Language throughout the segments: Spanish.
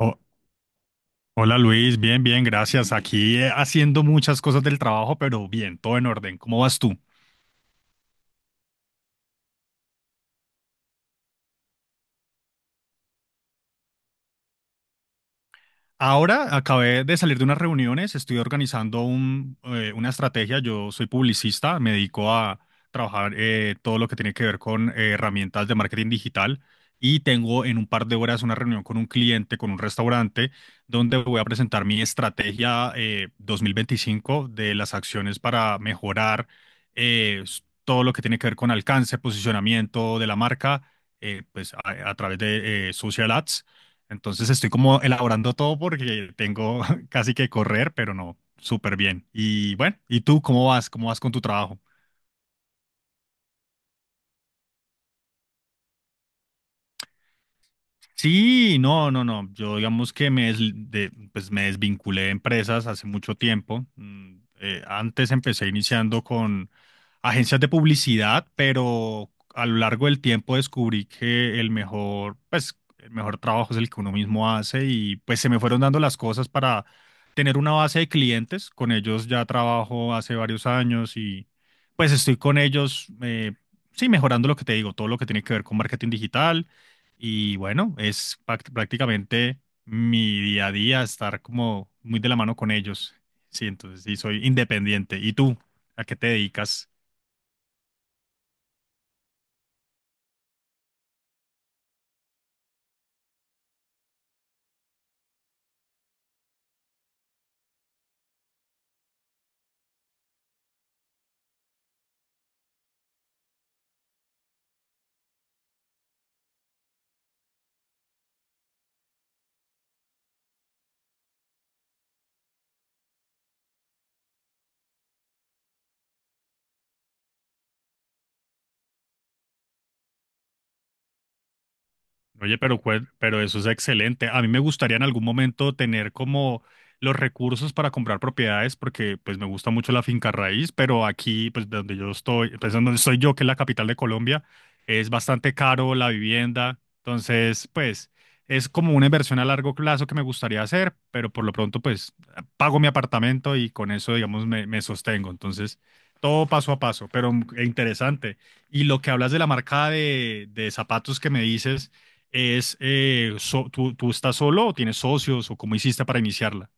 Oh, hola Luis, bien, bien, gracias. Aquí haciendo muchas cosas del trabajo, pero bien, todo en orden. ¿Cómo vas tú? Ahora acabé de salir de unas reuniones, estoy organizando una estrategia. Yo soy publicista, me dedico a trabajar todo lo que tiene que ver con herramientas de marketing digital y tengo en un par de horas una reunión con un cliente, con un restaurante, donde voy a presentar mi estrategia 2025 de las acciones para mejorar todo lo que tiene que ver con alcance, posicionamiento de la marca, pues a través de social ads. Entonces estoy como elaborando todo porque tengo casi que correr, pero no, súper bien. Y bueno, ¿y tú cómo vas? ¿Cómo vas con tu trabajo? Sí, no, no, no. Yo digamos que me desvinculé de empresas hace mucho tiempo. Antes empecé iniciando con agencias de publicidad, pero a lo largo del tiempo descubrí que el mejor trabajo es el que uno mismo hace y pues se me fueron dando las cosas para tener una base de clientes. Con ellos ya trabajo hace varios años y pues estoy con ellos, sí, mejorando lo que te digo, todo lo que tiene que ver con marketing digital y bueno, es prácticamente mi día a día estar como muy de la mano con ellos. Sí, entonces sí, soy independiente. ¿Y tú? ¿A qué te dedicas? Oye, pero, pero eso es excelente. A mí me gustaría en algún momento tener como los recursos para comprar propiedades porque pues me gusta mucho la finca raíz, pero aquí pues de donde yo estoy, pues donde estoy yo, que es la capital de Colombia, es bastante caro la vivienda. Entonces, pues es como una inversión a largo plazo que me gustaría hacer, pero por lo pronto pues pago mi apartamento y con eso digamos me sostengo. Entonces, todo paso a paso, pero e interesante. Y lo que hablas de la marca de zapatos que me dices es, ¿tú, tú estás solo o tienes socios o cómo hiciste para iniciarla?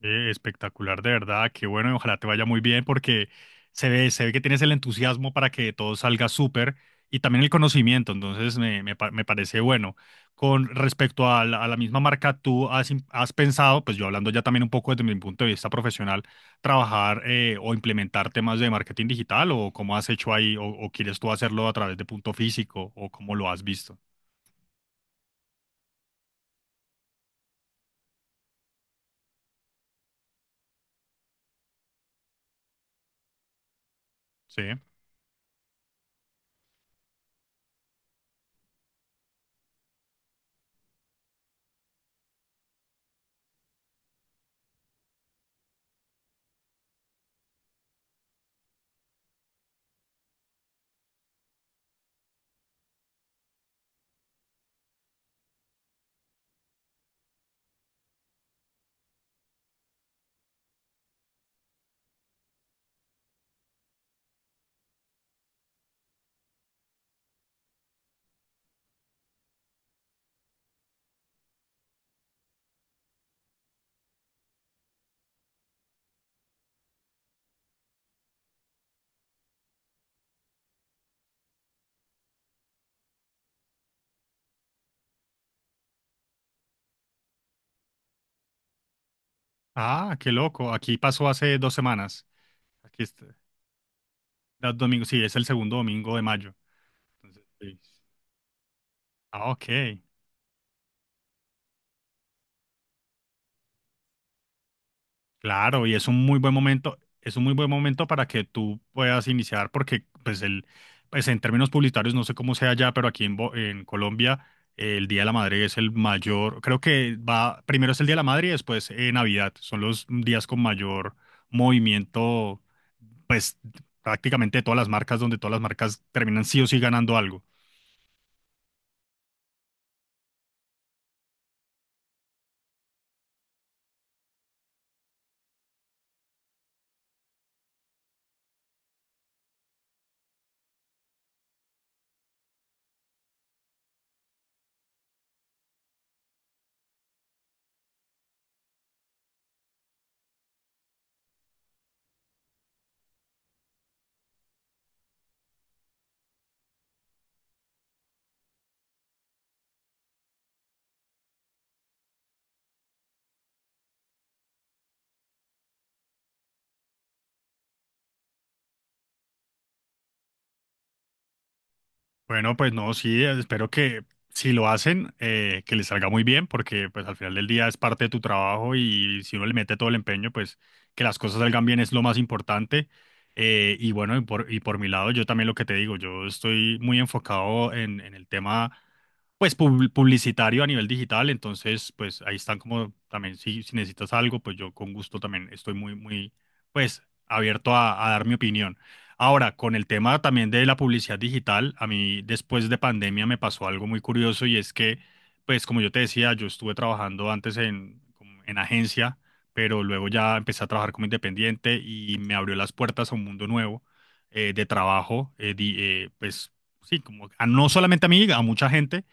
Espectacular, de verdad. Qué bueno, y ojalá te vaya muy bien porque se ve que tienes el entusiasmo para que todo salga súper y también el conocimiento. Entonces, me parece bueno. Con respecto a a la misma marca, has pensado, pues yo hablando ya también un poco desde mi punto de vista profesional, trabajar o implementar temas de marketing digital o cómo has hecho ahí o quieres tú hacerlo a través de punto físico o cómo lo has visto. Sí. Ah, qué loco. Aquí pasó hace dos semanas. Aquí está. Da domingo. Sí, es el segundo domingo de mayo. Entonces, sí. Ah, ok. Claro, y es un muy buen momento. Es un muy buen momento para que tú puedas iniciar, porque pues el, pues en términos publicitarios, no sé cómo sea allá, pero aquí en, en Colombia, el Día de la Madre es el mayor. Creo que va, primero es el Día de la Madre y después Navidad. Son los días con mayor movimiento, pues prácticamente de todas las marcas, donde todas las marcas terminan sí o sí ganando algo. Bueno, pues no, sí, espero que si lo hacen, que les salga muy bien, porque pues al final del día es parte de tu trabajo y si uno le mete todo el empeño, pues que las cosas salgan bien es lo más importante. Y bueno, y por mi lado, yo también lo que te digo, yo estoy muy enfocado en el tema, pues publicitario a nivel digital, entonces pues ahí están como también, si necesitas algo, pues yo con gusto también estoy pues abierto a dar mi opinión. Ahora, con el tema también de la publicidad digital, a mí después de pandemia me pasó algo muy curioso y es que, pues como yo te decía, yo estuve trabajando antes en, como en agencia, pero luego ya empecé a trabajar como independiente y me abrió las puertas a un mundo nuevo pues sí, como no solamente a mí, a mucha gente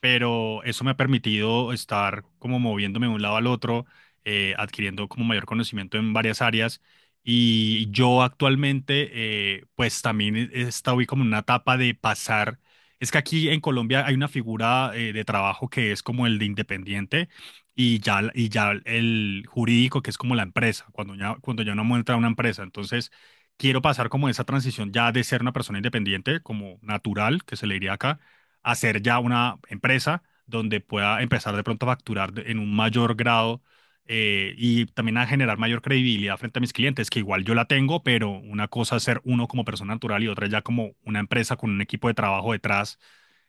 pero eso me ha permitido estar como moviéndome de un lado al otro, adquiriendo como mayor conocimiento en varias áreas. Y yo actualmente, pues también estoy como en una etapa de pasar. Es que aquí en Colombia hay una figura de trabajo que es como el de independiente y ya el jurídico que es como la empresa, cuando ya uno muestra una empresa. Entonces, quiero pasar como esa transición ya de ser una persona independiente, como natural, que se le diría acá, a ser ya una empresa donde pueda empezar de pronto a facturar en un mayor grado y también a generar mayor credibilidad frente a mis clientes, que igual yo la tengo, pero una cosa es ser uno como persona natural y otra ya como una empresa con un equipo de trabajo detrás,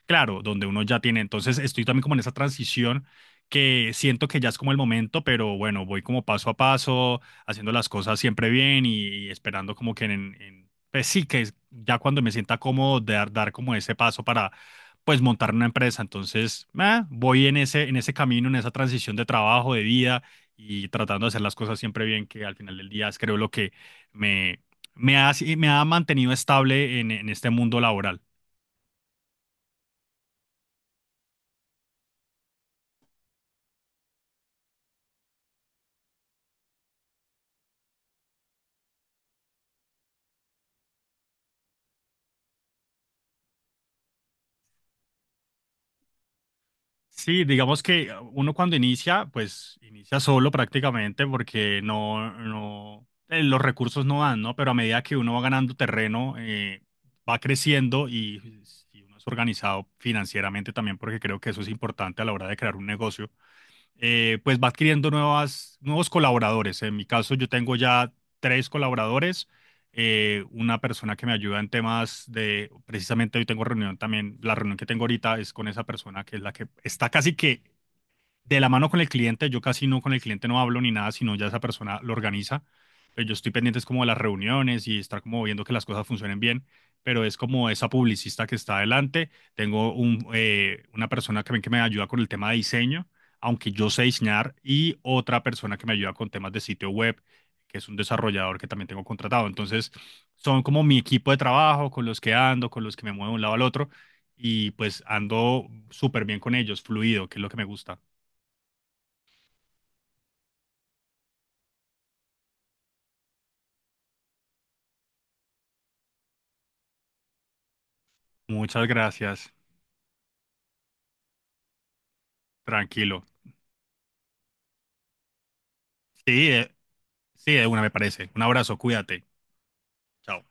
claro, donde uno ya tiene. Entonces estoy también como en esa transición que siento que ya es como el momento, pero bueno, voy como paso a paso, haciendo las cosas siempre bien y esperando como que pues sí, que ya cuando me sienta cómodo de dar como ese paso para pues montar una empresa. Entonces, ah, voy en ese camino, en esa transición de trabajo, de vida y tratando de hacer las cosas siempre bien, que al final del día es creo lo que me, sí, me ha mantenido estable en este mundo laboral. Sí, digamos que uno cuando inicia, pues inicia solo prácticamente porque no, los recursos no dan, ¿no? Pero a medida que uno va ganando terreno, va creciendo y si uno es organizado financieramente también, porque creo que eso es importante a la hora de crear un negocio, pues va adquiriendo nuevos colaboradores. En mi caso, yo tengo ya 3 colaboradores, una persona que me ayuda en temas de, precisamente hoy tengo reunión también, la reunión que tengo ahorita es con esa persona que es la que está casi que de la mano con el cliente, yo casi no con el cliente no hablo ni nada, sino ya esa persona lo organiza. Pero yo estoy pendiente es como de las reuniones y estar como viendo que las cosas funcionen bien, pero es como esa publicista que está adelante. Tengo una persona también que me ayuda con el tema de diseño, aunque yo sé diseñar, y otra persona que me ayuda con temas de sitio web, que es un desarrollador que también tengo contratado. Entonces, son como mi equipo de trabajo, con los que ando, con los que me muevo de un lado al otro, y pues ando súper bien con ellos, fluido, que es lo que me gusta. Muchas gracias. Tranquilo. Sí, eh, sí, de una me parece. Un abrazo, cuídate. Chao.